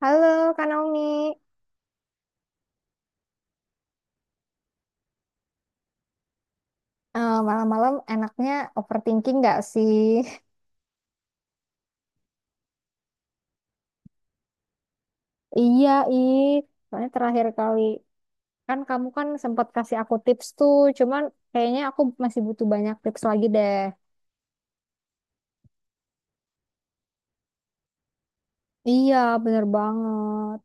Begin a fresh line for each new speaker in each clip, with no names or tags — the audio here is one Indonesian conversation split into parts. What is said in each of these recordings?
Halo, Kak Naomi. Malam-malam enaknya overthinking nggak sih? Iya, ih. Soalnya terakhir kali kan, kamu kan sempat kasih aku tips tuh, cuman kayaknya aku masih butuh banyak tips lagi deh. Iya, bener banget.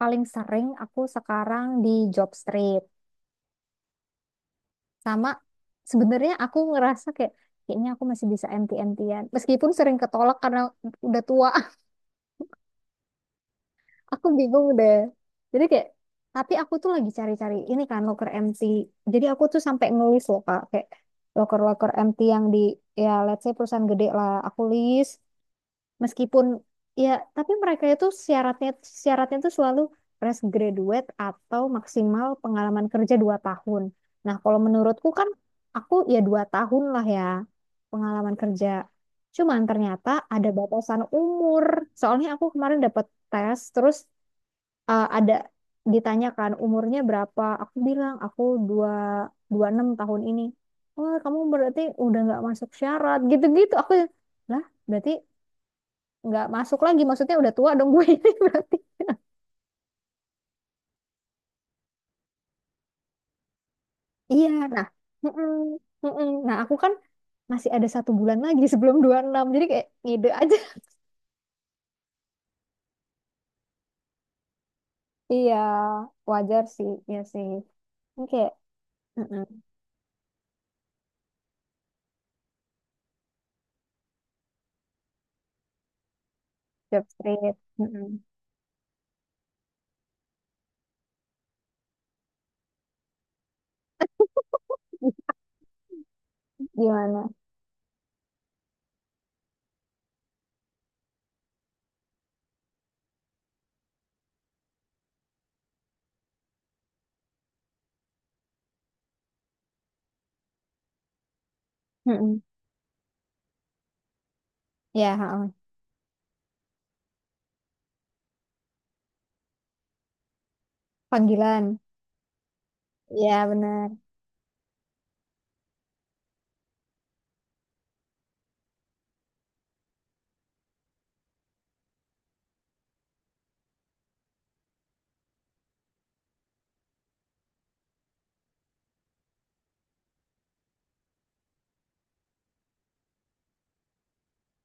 Paling sering aku sekarang di job street. Sama, sebenarnya aku ngerasa kayak kayaknya aku masih bisa enti entian. Meskipun sering ketolak karena udah tua. Aku bingung deh, jadi kayak, tapi aku tuh lagi cari-cari ini kan locker empty, jadi aku tuh sampai ngelis loh kak, kayak locker-locker empty yang di, ya let's say, perusahaan gede lah aku list. Meskipun, ya, tapi mereka itu syaratnya syaratnya tuh selalu fresh graduate atau maksimal pengalaman kerja 2 tahun. Nah, kalau menurutku kan, aku ya 2 tahun lah ya pengalaman kerja, cuman ternyata ada batasan umur. Soalnya aku kemarin dapat tes, terus ada ditanyakan umurnya berapa. Aku bilang aku dua dua enam tahun ini. Wah, kamu berarti udah nggak masuk syarat gitu-gitu, aku ya, lah berarti nggak masuk lagi, maksudnya udah tua dong gue ini berarti. Iya. Nah. Mm-mm, mm-mm. Nah, aku kan masih ada 1 bulan lagi sebelum 26, jadi kayak ngide aja. Iya, wajar sih ya sih. Ini kayak, mm-mm, job street, mm-mm. Gimana? Mm-mm. Ya ha-ha. Panggilan, ya benar.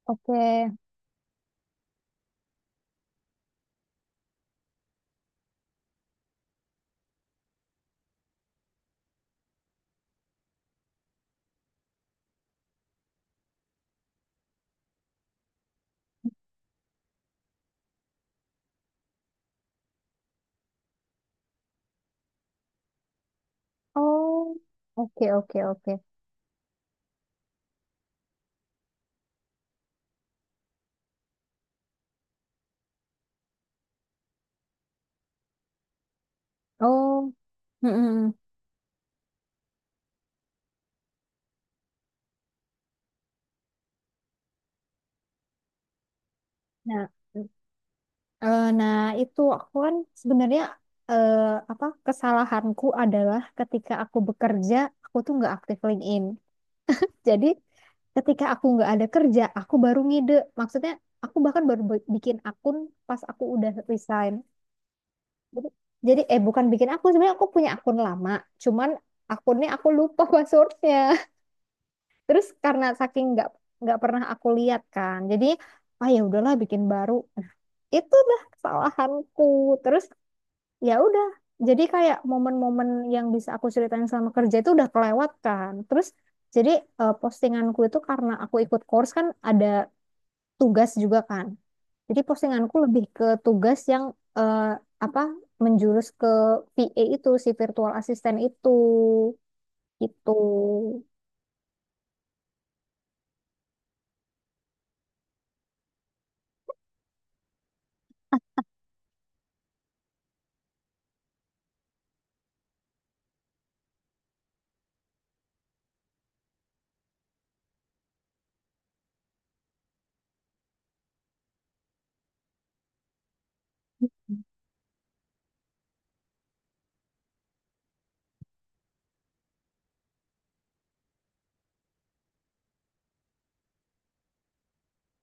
Oke. Oh, oke, oke, oke. Oh, mm-mm. Nah, nah, itu aku kan sebenarnya, eh, apa, kesalahanku adalah ketika aku bekerja, aku tuh nggak aktif LinkedIn. Jadi ketika aku nggak ada kerja, aku baru ngide. Maksudnya aku bahkan baru bikin akun pas aku udah resign. Jadi, jadi, bukan bikin akun, sebenarnya aku punya akun lama, cuman akunnya aku lupa passwordnya. Terus karena saking nggak pernah aku lihat kan, jadi ah ya udahlah bikin baru. Nah, itulah kesalahanku. Terus ya udah, jadi kayak momen-momen yang bisa aku ceritain selama kerja itu udah kelewat kan. Terus jadi postinganku itu karena aku ikut course kan ada tugas juga kan. Jadi postinganku lebih ke tugas yang eh, apa, menjurus ke VA itu si virtual assistant itu gitu.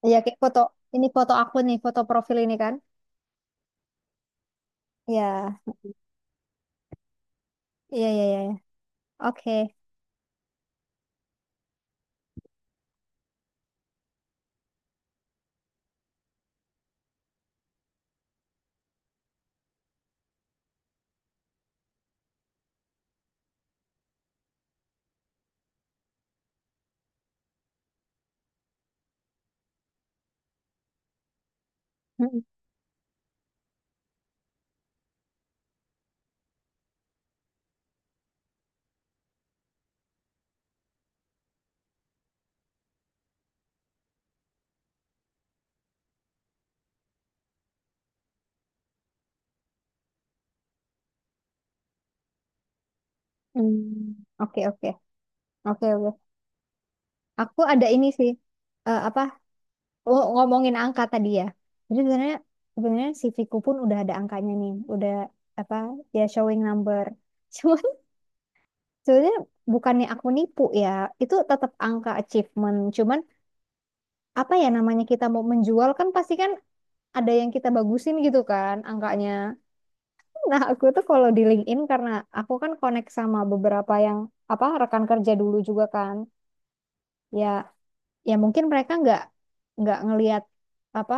Iya, kayak foto ini, foto aku nih, foto profil ini kan. Iya, iya, iya, iya, iya. Oke. Mm, mm. Oke, oke. Oke, oke. Aku ada ini sih. Eh, apa? Ngomongin angka tadi ya. Jadi sebenarnya sebenarnya CV-ku pun udah ada angkanya nih. Udah apa? Ya, showing number. Cuman sebenarnya bukannya aku nipu ya. Itu tetap angka achievement. Cuman apa ya namanya, kita mau menjual kan, pasti kan ada yang kita bagusin gitu kan angkanya. Nah, aku tuh kalau di LinkedIn, karena aku kan connect sama beberapa yang apa, rekan kerja dulu juga kan. Ya, ya, mungkin mereka nggak ngelihat apa,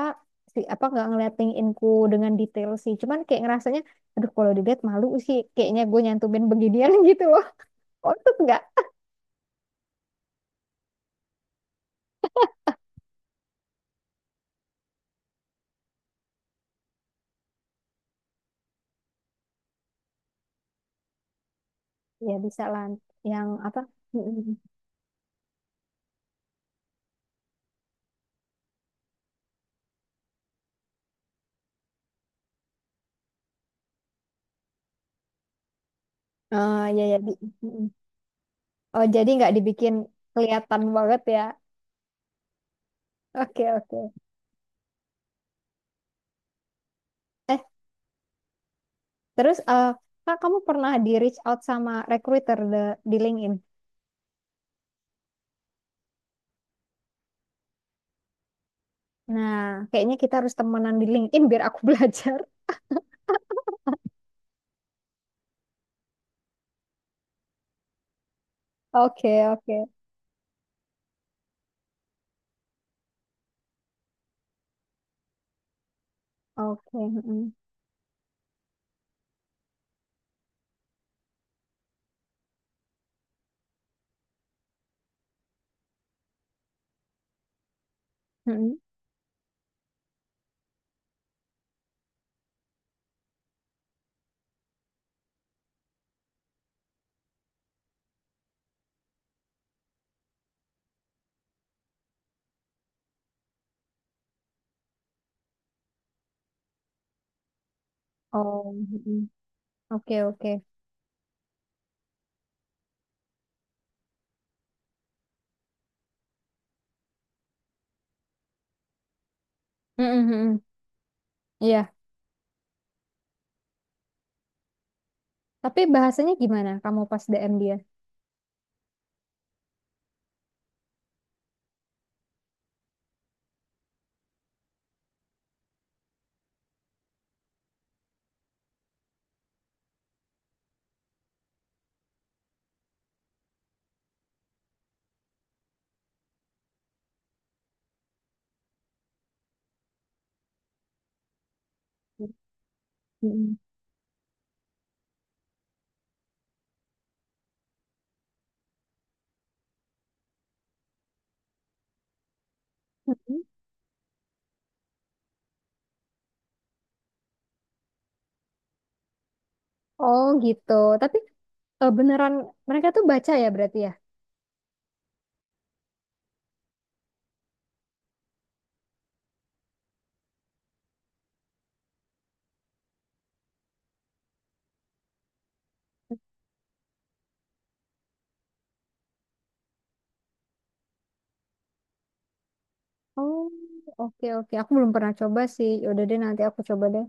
si apa, nggak ngeliat LinkedInku dengan detail sih. Cuman kayak ngerasanya, aduh kalau dilihat malu sih. Kayaknya gue nyantumin beginian gitu loh. Untuk nggak? Ya bisa lah. Yang apa? Mm-mm. Oh ya ya. Mm-mm. Oh, jadi nggak dibikin kelihatan banget ya. Oke, oke. eh Terus, Kak, kamu pernah di reach out sama recruiter di LinkedIn? Nah, kayaknya kita harus temenan di LinkedIn biar aku belajar. Oke, oke, oke. Mm-mm, mm-mm. Oh, mm-mm. Oke, oke. Mm-mm, mm-mm. Iya. Tapi bahasanya gimana? Kamu pas DM dia? Mm-mm. Mm-mm. Oh, gitu. Tapi beneran mereka tuh baca ya berarti ya? Oh, oke, oke. Aku belum pernah coba sih. Ya udah deh, nanti aku coba deh.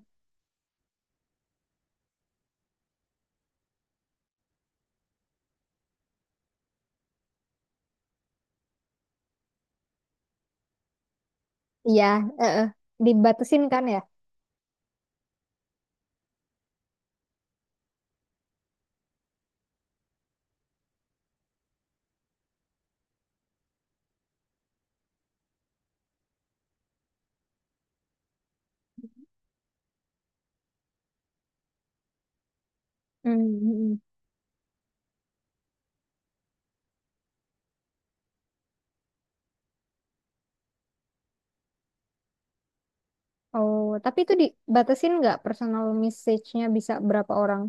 Iya. eh, eh. Dibatasin kan ya? Hmm. Oh, tapi itu dibatasin nggak, personal message-nya bisa berapa orang?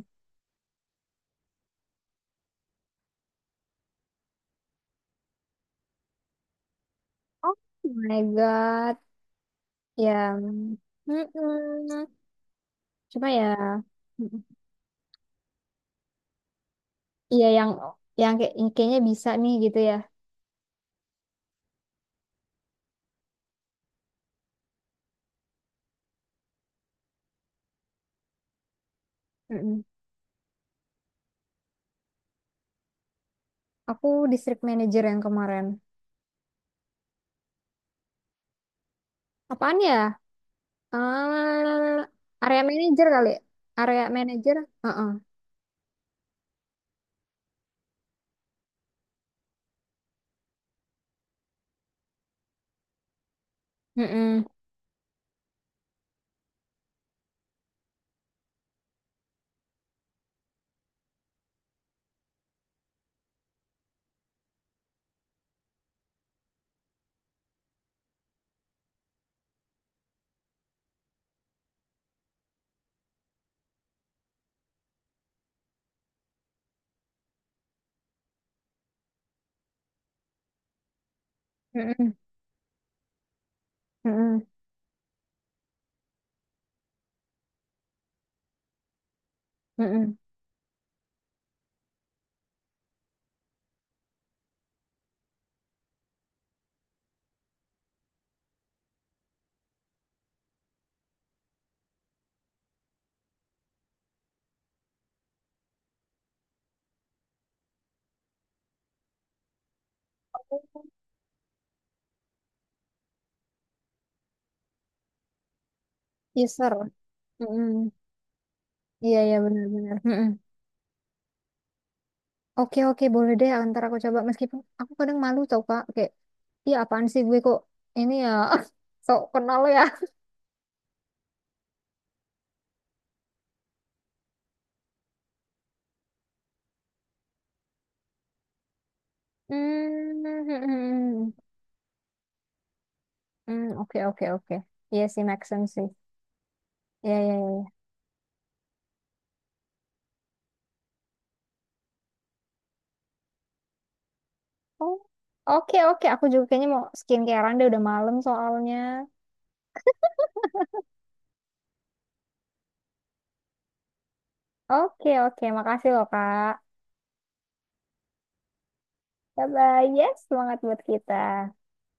Oh my God. Ya, mm-mm. Cuma ya, mm-mm. Iya, yang kayak yang kayaknya bisa nih gitu ya. Mm-mm. Aku district manager yang kemarin. Apaan ya? Eh, Area manager kali. Area manager. Heeh. Mm-mm. Mm-mm. Mm-mm. Mm-mm. Yes, sir. Mm-mm. Iya, iya, benar-benar. Oke, oke, boleh deh, antar aku coba meskipun aku kadang malu tau kak, kayak iya apaan sih gue kok ini ya sok kenal ya. Hmm, hmm. Hmm, oke, oke, oke. Iya sih, make sense sih. Iya, iya, iya. Oh, oke, oke, aku juga kayaknya mau skincarean deh, udah malam soalnya. Oke, oke, makasih loh kak. Bye bye. Yes, semangat buat kita.